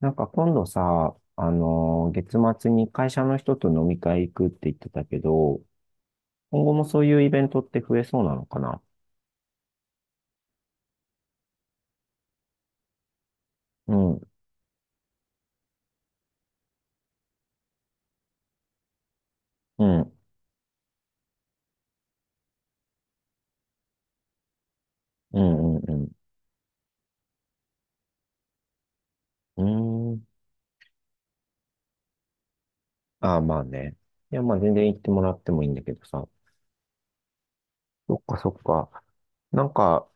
なんか今度さ、月末に会社の人と飲み会行くって言ってたけど、今後もそういうイベントって増えそうなのかな？うん、うん、うん、うん、うん。うーん。ああ、まあね。いや、まあ全然行ってもらってもいいんだけどさ。そっか、そっか。なんか、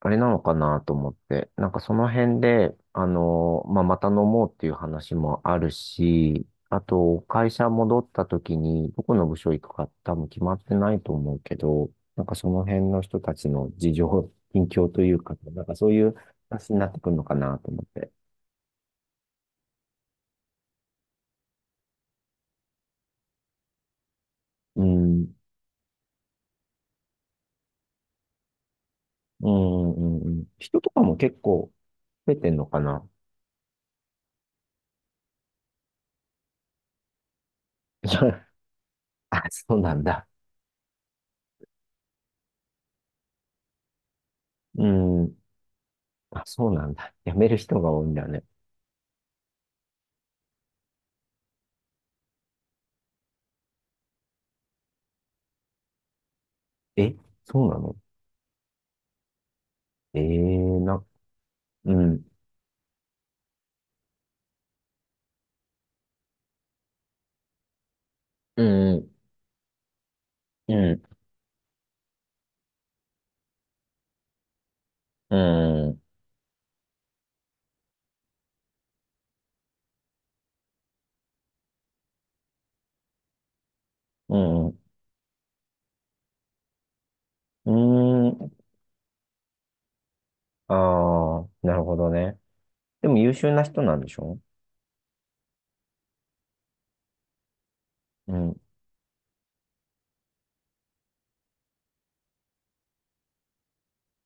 あれなのかなと思って、なんかその辺で、まあ、また飲もうっていう話もあるし、あと、会社戻った時に、どこの部署行くか多分決まってないと思うけど、なんかその辺の人たちの事情、近況というか、なんかそういう話になってくるのかなと思って。うん、うん、うん、うん。人とかも結構増えてんのかな？ あ、そうなんだ。うん、あ、そうなんだ。辞める人が多いんだね。え、そうなの？ええな、うん、うん、うん、うん、うん、うん、うん、ああ、なるほどね。でも優秀な人なんでしょ？うん、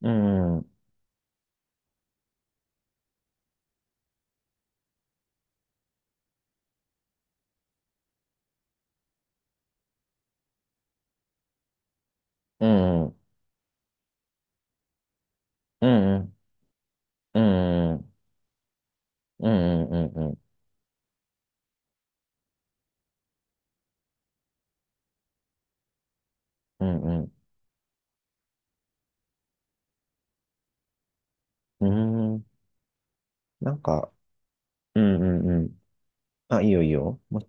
うん、うん、うん、うん、うん、うん、うん、うん、うん、うん、うん、うんうんなんか、うん、うん、うん。あ、いいよ、いいよ。も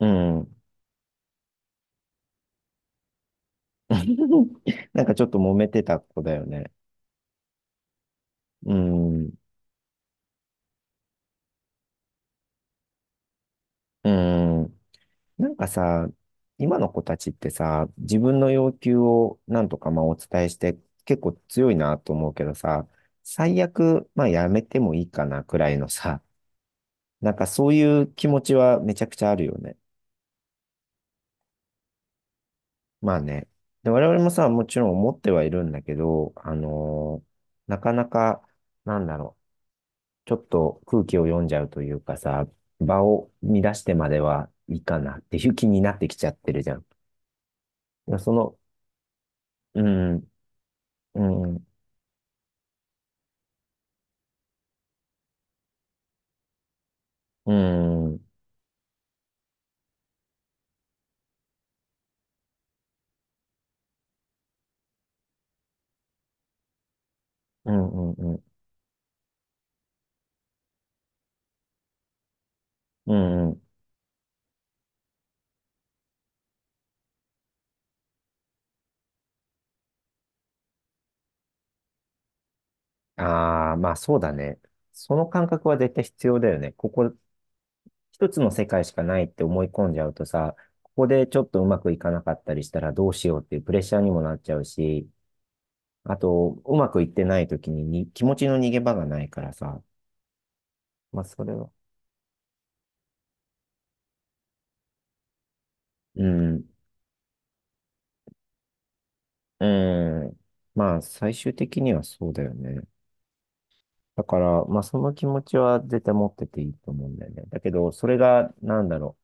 ううん。なんかちょっと揉めてた子だよね。うん、うん、なんかさ、今の子たちってさ、自分の要求をなんとかまあお伝えして結構強いなと思うけどさ、最悪まあやめてもいいかなくらいのさ、なんかそういう気持ちはめちゃくちゃあるよね。まあね。で、我々もさ、もちろん思ってはいるんだけど、なかなか、なんだろう、ちょっと空気を読んじゃうというかさ、場を乱してまではいいかなっていう気になってきちゃってるじゃん。いやその、うん、うん。うん、うん、うん、うん、うん。うんああ、まあそうだね。その感覚は絶対必要だよね。ここ、一つの世界しかないって思い込んじゃうとさ、ここでちょっとうまくいかなかったりしたらどうしようっていうプレッシャーにもなっちゃうし、あと、うまくいってない時にに気持ちの逃げ場がないからさ、まあそれは。うん、うん。まあ最終的にはそうだよね。だから、まあ、その気持ちは絶対持ってていいと思うんだよね。だけど、それが、なんだろ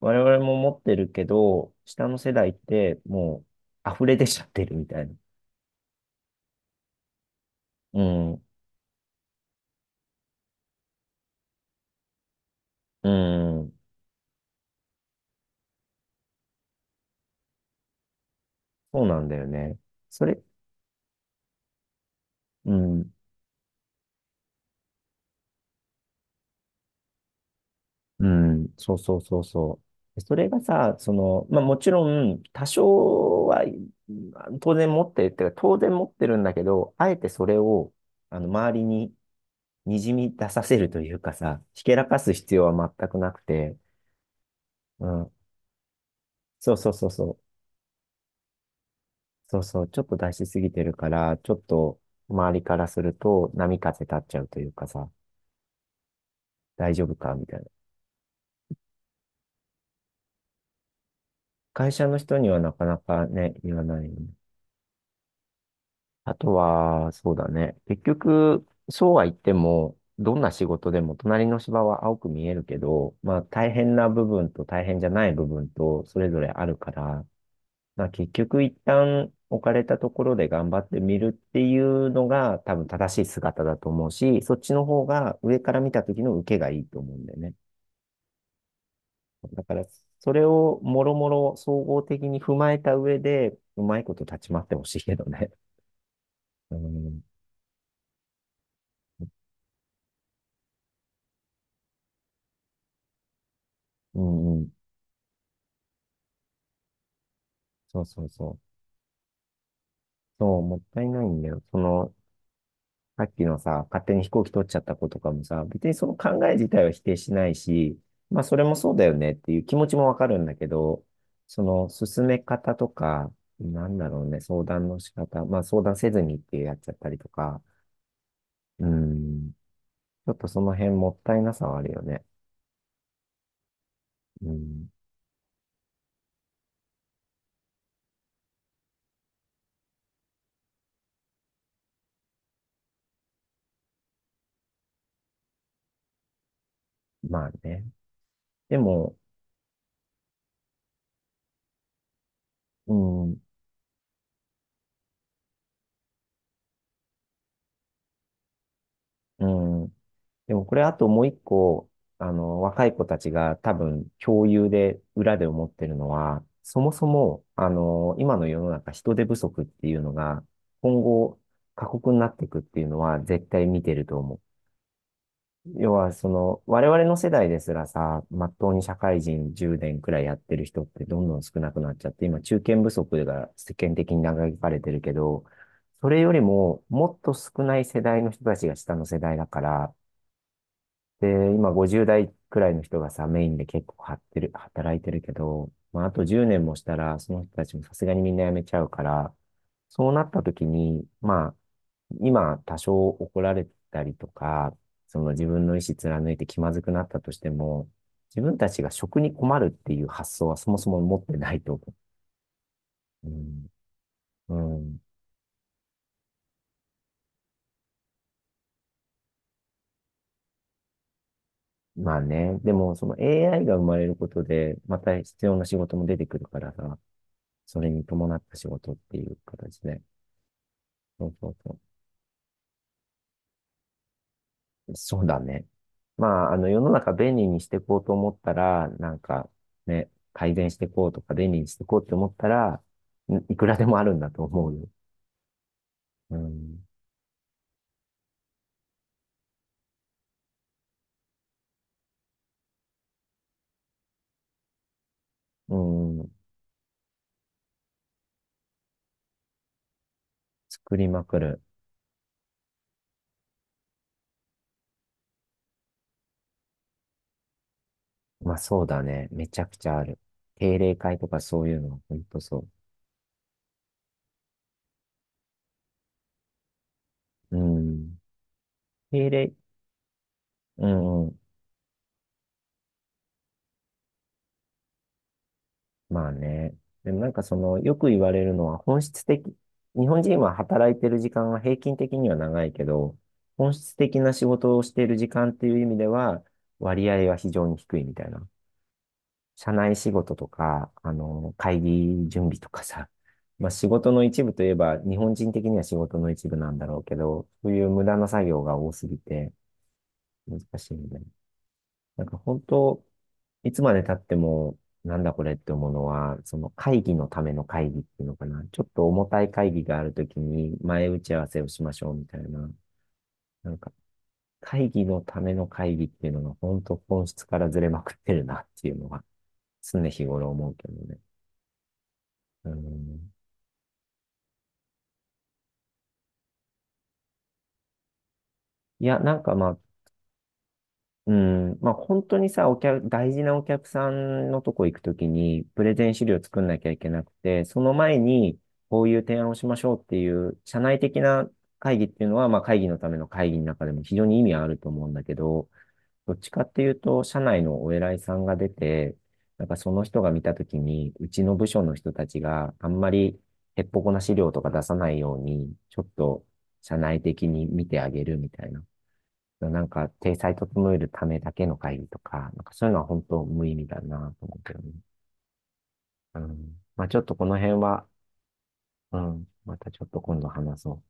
う。我々も持ってるけど、下の世代って、もう、溢れ出ちゃってるみたいな。うん、うん、そうなんだよね。それ、うん、うん、そうそうそうそう。それがさ、その、まあ、もちろん、多少は、当然持ってるっていうか、当然持ってるんだけど、あえてそれを、周りに、にじみ出させるというかさ、ひけらかす必要は全くなくて、うん。そうそうそうそう。そうそう。ちょっと出しすぎてるから、ちょっと周りからすると波風立っちゃうというかさ、大丈夫かみたいな。会社の人にはなかなかね、言わないよね。あとは、そうだね。結局、そうは言っても、どんな仕事でも隣の芝は青く見えるけど、まあ大変な部分と大変じゃない部分とそれぞれあるから、まあ結局一旦置かれたところで頑張ってみるっていうのが多分正しい姿だと思うし、そっちの方が上から見た時の受けがいいと思うんだよね。だからそれをもろもろ総合的に踏まえた上で、うまいこと立ち回ってほしいけどね。うん、うん、うん。そうそうそう。そう、もったいないんだよ。その、さっきのさ、勝手に飛行機取っちゃった子とかもさ、別にその考え自体は否定しないし、まあそれもそうだよねっていう気持ちもわかるんだけど、その進め方とか、なんだろうね、相談の仕方、まあ相談せずにってやっちゃったりとか、うん、ちょっとその辺もったいなさはあるよね。うん、まあね。でも、うん、うん、でもこれあともう一個、若い子たちが多分共有で裏で思ってるのは、そもそも、今の世の中人手不足っていうのが、今後過酷になっていくっていうのは絶対見てると思う。要は、その、我々の世代ですらさ、まっとうに社会人10年くらいやってる人ってどんどん少なくなっちゃって、今中堅不足が世間的に嘆かれてるけど、それよりももっと少ない世代の人たちが下の世代だから、で、今50代くらいの人がさ、メインで結構張ってる、働いてるけど、まあ、あと10年もしたら、その人たちもさすがにみんな辞めちゃうから、そうなった時に、まあ、今多少怒られたりとか、その自分の意思貫いて気まずくなったとしても、自分たちが職に困るっていう発想はそもそも持ってないと思う。うん。うん。まあね。でも、その AI が生まれることで、また必要な仕事も出てくるからさ、それに伴った仕事っていう形で。そうそうそう。そうだね。まあ、世の中便利にしていこうと思ったら、なんかね、改善していこうとか便利にしていこうって思ったら、んいくらでもあるんだと思うよ。うん。うん。作りまくる。まあそうだね。めちゃくちゃある。定例会とかそういうのは本当そう。うん。定例。うんまあね。でもなんかその、よく言われるのは本質的、日本人は働いてる時間は平均的には長いけど、本質的な仕事をしている時間っていう意味では、割合は非常に低いみたいな。社内仕事とか、会議準備とかさ、まあ仕事の一部といえば、日本人的には仕事の一部なんだろうけど、そういう無駄な作業が多すぎて難しいんだよね。なんか本当、いつまで経っても、なんだこれって思うのは、その会議のための会議っていうのかな。ちょっと重たい会議があるときに前打ち合わせをしましょうみたいな。なんか会議のための会議っていうのが本当本質からずれまくってるなっていうのは常日頃思うけどね。うん。いや、なんかまあうん。まあ、本当にさ、お客、大事なお客さんのとこ行くときに、プレゼン資料作んなきゃいけなくて、その前に、こういう提案をしましょうっていう、社内的な会議っていうのは、まあ、会議のための会議の中でも非常に意味はあると思うんだけど、どっちかっていうと、社内のお偉いさんが出て、なんかその人が見たときに、うちの部署の人たちがあんまりへっぽこな資料とか出さないように、ちょっと社内的に見てあげるみたいな。なんか、体裁整えるためだけの会議とか、なんかそういうのは本当無意味だなと思うけどね。うん。まあちょっとこの辺は、うん。またちょっと今度話そう。